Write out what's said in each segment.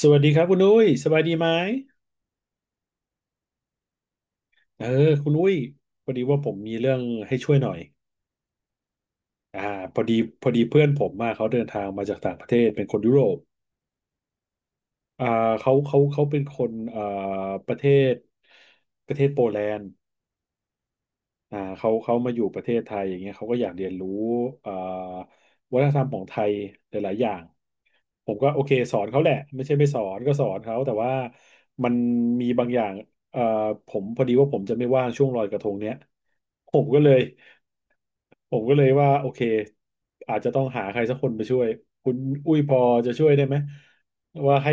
สวัสดีครับคุณอุ้ยสบายดีไหมเออคุณอุ้ยพอดีว่าผมมีเรื่องให้ช่วยหน่อยอ่าพอดีพอดีเพื่อนผมมาเขาเดินทางมาจากต่างประเทศเป็นคนยุโรปอ่าเขาเป็นคนประเทศประเทศโปแลนด์ เขาเขามาอยู่ประเทศไทยอย่างเงี้ยเขาก็อยากเรียนรู้อ่าวัฒนธรรมของไทยหลายๆอย่างผมก็โอเคสอนเขาแหละไม่ใช่ไม่สอนก็สอนเขาแต่ว่ามันมีบางอย่างเอ่อผมพอดีว่าผมจะไม่ว่างช่วงลอยกระทงเนี้ยผมก็เลยผมก็เลยว่าโอเคอาจจะต้องหาใครสักคนไปช่วยคุณอุ้ยพอจะช่วยได้ไหมว่าให้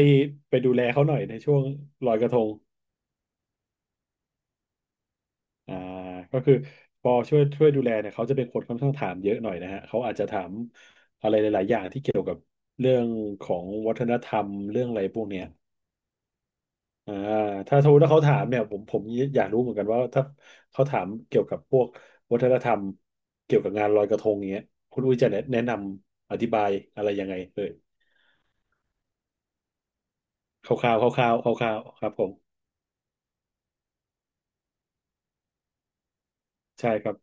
ไปดูแลเขาหน่อยในช่วงลอยกระทง อ่าก็คือปอช่วยช่วยดูแลเนี่ยเขาจะเป็นคนค่อนข้างถามเยอะหน่อยนะฮะเขาอาจจะถามอะไรหลายๆอย่างที่เกี่ยวกับเรื่องของวัฒนธรรมเรื่องอะไรพวกเนี้ยอ่าถ้าสมมติว่าเขาถามเนี่ยผมอยากรู้เหมือนกันว่าถ้าเขาถามเกี่ยวกับพวกวัฒนธรรมเกี่ยวกับงานลอยกระทงอย่างเงี้ยคุณอุ้ยจะแนะนำอธิบายอะไรยังไงเอ่ยคร่าวๆคร่าวๆคร่าวๆครับผมใช่ครับ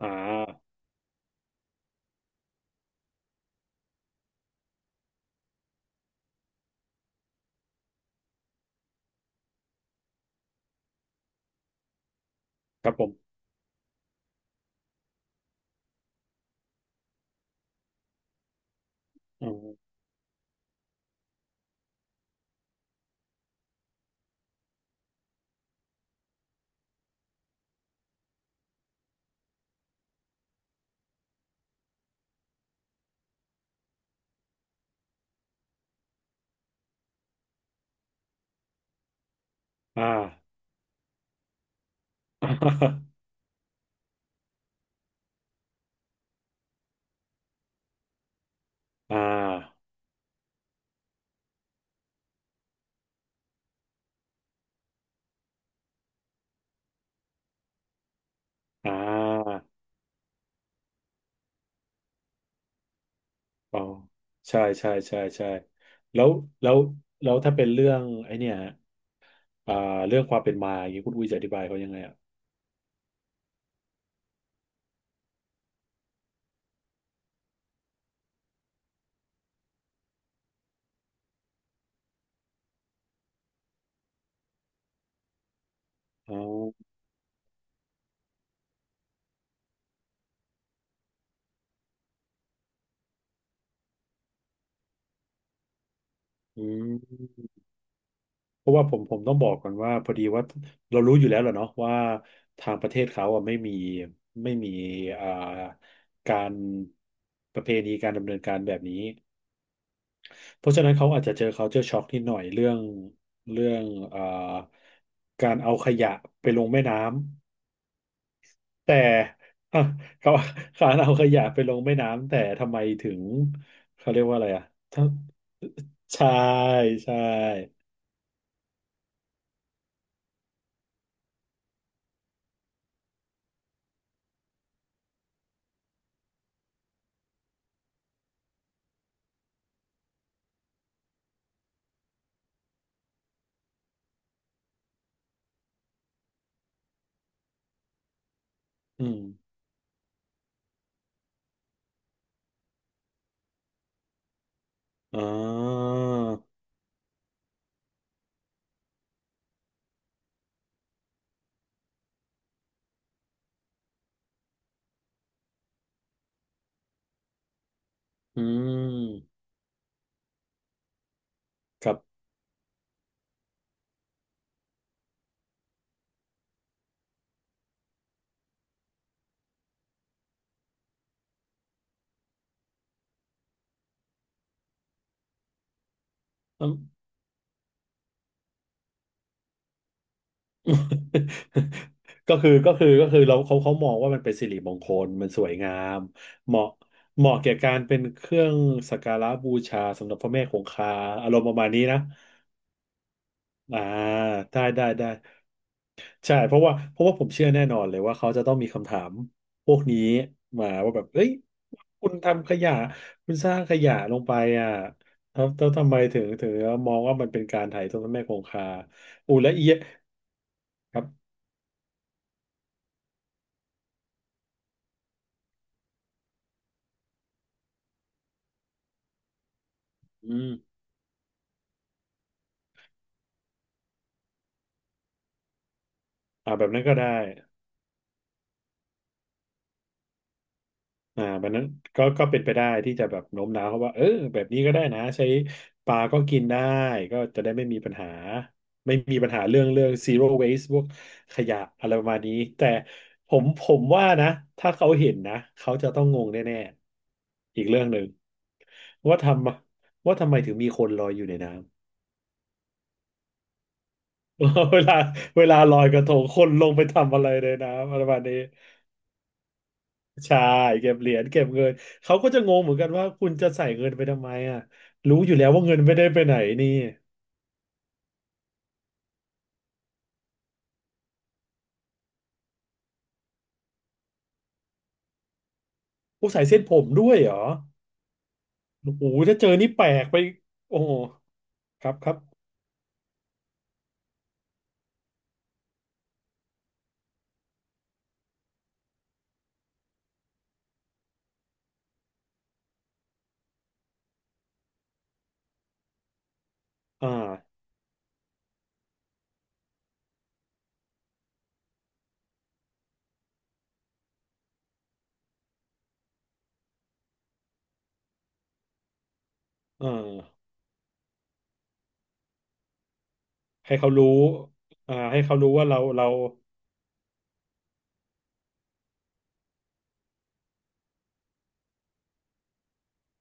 อ่าครับผมอมอ่า อ่าอ่า อ๋อใช่ใช่ใช่ใช่แล้วแล้วแล้วถ้าเป็นเรื่องไอ้เนี่ยอ่าเรื่องความเป็นมาอย่างนี้คุณอุ้ยจะอธิบายเขายังไงอ่ะอ๋ออืมเพราะว่าผมต้องบอกก่อนว่าพอดีว่าเรารู้อยู่แล้วแหละเนาะว่าทางประเทศเขาอ่ะไม่มีอ่าการประเพณีการดำเนินการแบบนี้เพราะฉะนั้นเขาอาจจะเจอ culture shock นิดหน่อยเรื่องเรื่องอ่าการเอาขยะไปลงแม่น้ำ แต่ อ่ะเขาเขาเอาขยะไปลงแม่น้ำแต่ทำไมถึงเขาเรียกว่าอะไรอ่ะถ้าใช่ใช่อืมอ๋ออืมครับอืม ก็คือเขาเขามองว่ามันเป็นสิริมงคลมันสวยงามเหมาะเหมาะแก่การเป็นเครื่องสักการะบูชาสำหรับพระแม่คงคาอารมณ์ประมาณนี้นะอ่าได้ ใช่เพราะว่าผมเชื่อแน่นอนเลยว่าเขาจะต้องมีคำถามพวกนี้มาว่าแบบเอ้ยคุณทำขยะคุณสร้างขยะลงไปอ่ะแล้วแล้วทำไมถึงถึงมองว่ามันเป็นการไถ่ายทอดพระแม่คงคาอูและเอียะครับอืมแบบนั้นก็ได้ มันนั้นก็เป็นไปได้ที่จะแบบโน้มน้าวเขาว่าเออแบบนี้ก็ได้นะใช้ปลาก็กินได้ก็จะได้ไม่มีปัญหาไม่มีปัญหาเรื่องzero waste พวกขยะอะไรประมาณนี้แต่ผมว่านะถ้าเขาเห็นนะเขาจะต้องงงแน่ๆอีกเรื่องหนึ่งว่าทำว่าทำไมถึงมีคนลอยอยู่ในน้ำ เวลาลอยกระทงคนลงไปทำอะไรในน้ำอะไรประมาณนี้ ใช่เก็บเหรียญเก็บเงินเขาก็จะงงเหมือนกันว่าคุณจะใส่เงินไปทำไมอ่ะรู้อยู่แล้วว่าเงินไม่ได้ไปไหนนี่ผู้ใส่เส้นผมด้วยเหรอโอ้โหถ้าเจอนี่แปลกไปโอ้โหครับครับอ่าอ่าให้เขารู้ให้เขารู้ว่าเรา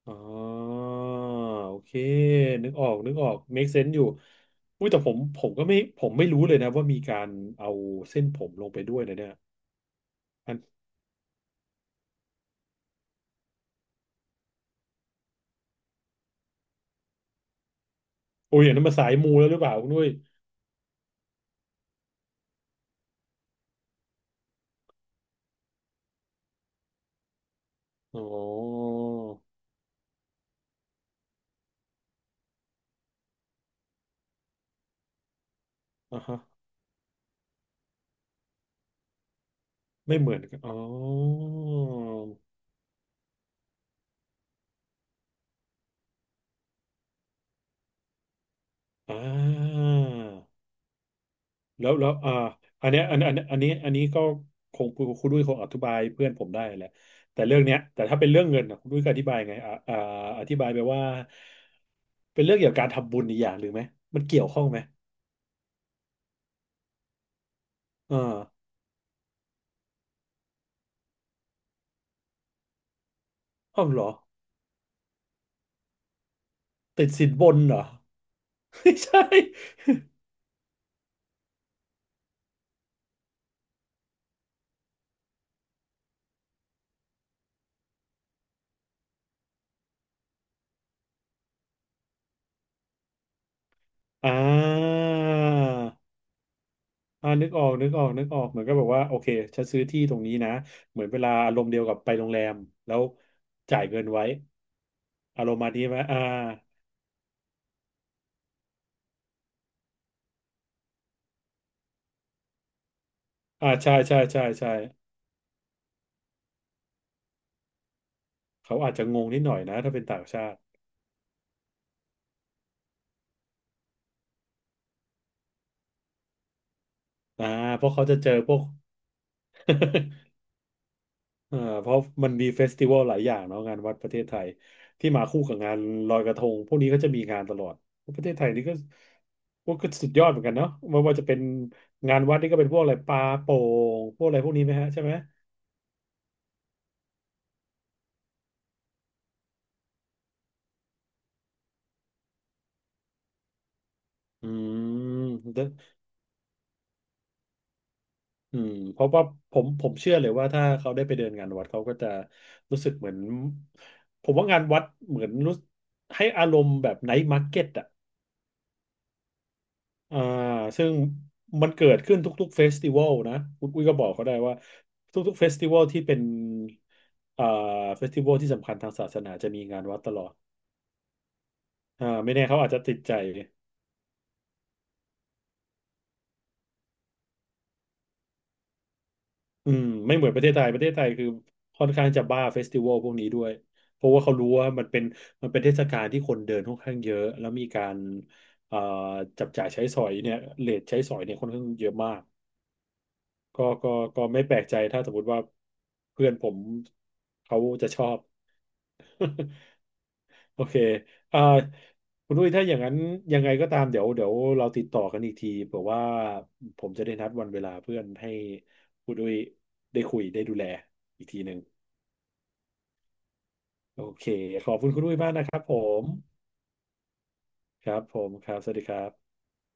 อ๋อโอเคนึกออกนึกออก make sense อยู่อุ้ยแต่ผมผมก็ไม่ผมไม่รู้เลยนะว่ามีการเอาเส้นผมลงไปด้วยนะเนี่ยอันโอ้ยอย่างนั้นมาสายมูแล้วหรือเปล่าคุณด้วย อ๋ออ่ะฮะไม่เหมือนกันอ๋ออ่าแล้วอันเนี้ยอันอันอันนี้อันนี้ก็คงคุณด้วยคงอธิบายเพื่อนผมได้แหละแต่เรื่องเนี้ยแต่ถ้าเป็นเรื่องเงินน่ะคุณด้วยก็อธิบายไงอธิบายไปว่าเป็นเรื่องเกี่ยวกับการทำบุญอีกอย่างหรือไหมมันเกี่ยวข้องไหมอ่าอ้าวเหรอติดสินบนเหรอ ไม่ใช่ อ่า นึกออกเหมือนก็แบบว่าโอเคฉันซื้อที่ตรงนี้นะเหมือนเวลาอารมณ์เดียวกับไปโรงแรมแล้วจ่ายเงินไว้อารมณ์มานี้ไหมใช่ใช่ใช่ใช่เขาอาจจะงงนิดหน่อยนะถ้าเป็นต่างชาติอ่าเพราะเขาจะเจอพวก อ่าเพราะมันมีเฟสติวัลหลายอย่างเนาะงานวัดประเทศไทยที่มาคู่กับงานลอยกระทงพวกนี้ก็จะมีงานตลอดประเทศไทยนี่ก็พวกก็สุดยอดเหมือนกันเนาะไม่ว่าจะเป็นงานวัดนี่ก็เป็นพวกอะไรปลาโป่งพวกอะไรพวกนี้ไหมฮะใช่ไหม อืมเดออืมเพราะว่าผมเชื่อเลยว่าถ้าเขาได้ไปเดินงานวัดเขาก็จะรู้สึกเหมือนผมว่างานวัดเหมือนรู้ให้อารมณ์แบบไนท์มาร์เก็ตอ่ะอ่าซึ่งมันเกิดขึ้นทุกๆเฟสติวัลนะคุณอุ้ยก็บอกเขาได้ว่าทุกๆเฟสติวัลที่เป็นอ่าเฟสติวัลที่สำคัญทางศาสนาจะมีงานวัดตลอดไม่แน่เขาอาจจะติดใจ อืมไม่เหมือนประเทศไทยประเทศไทยคือค่อนข้างจะบ้าเฟสติวัลพวกนี้ด้วยเพราะว่าเขารู้ว่ามันเป็นมันเป็นเทศกาลที่คนเดินค่อนข้างเยอะแล้วมีการเอ่อจับจ่ายใช้สอยเนี่ยเรทใช้สอยเนี่ยค่อนข้างเยอะมากก็ก็ก็ไม่แปลกใจถ้าสมมติว่าเพื่อนผมเขาจะชอบ โอเคอ่าคุณดุ้ยถ้าอย่างนั้นยังไงก็ตามเดี๋ยวเราติดต่อกันอีกทีเผื่อว่าผมจะได้นัดวันเวลาเพื่อนให้คุณดุ้ยได้คุยได้ดูแลอีกทีหนึ่ง โอเค ขอบคุณคุณอุ้ยมากนะครับผม ครับผมครับสวัสดีครับ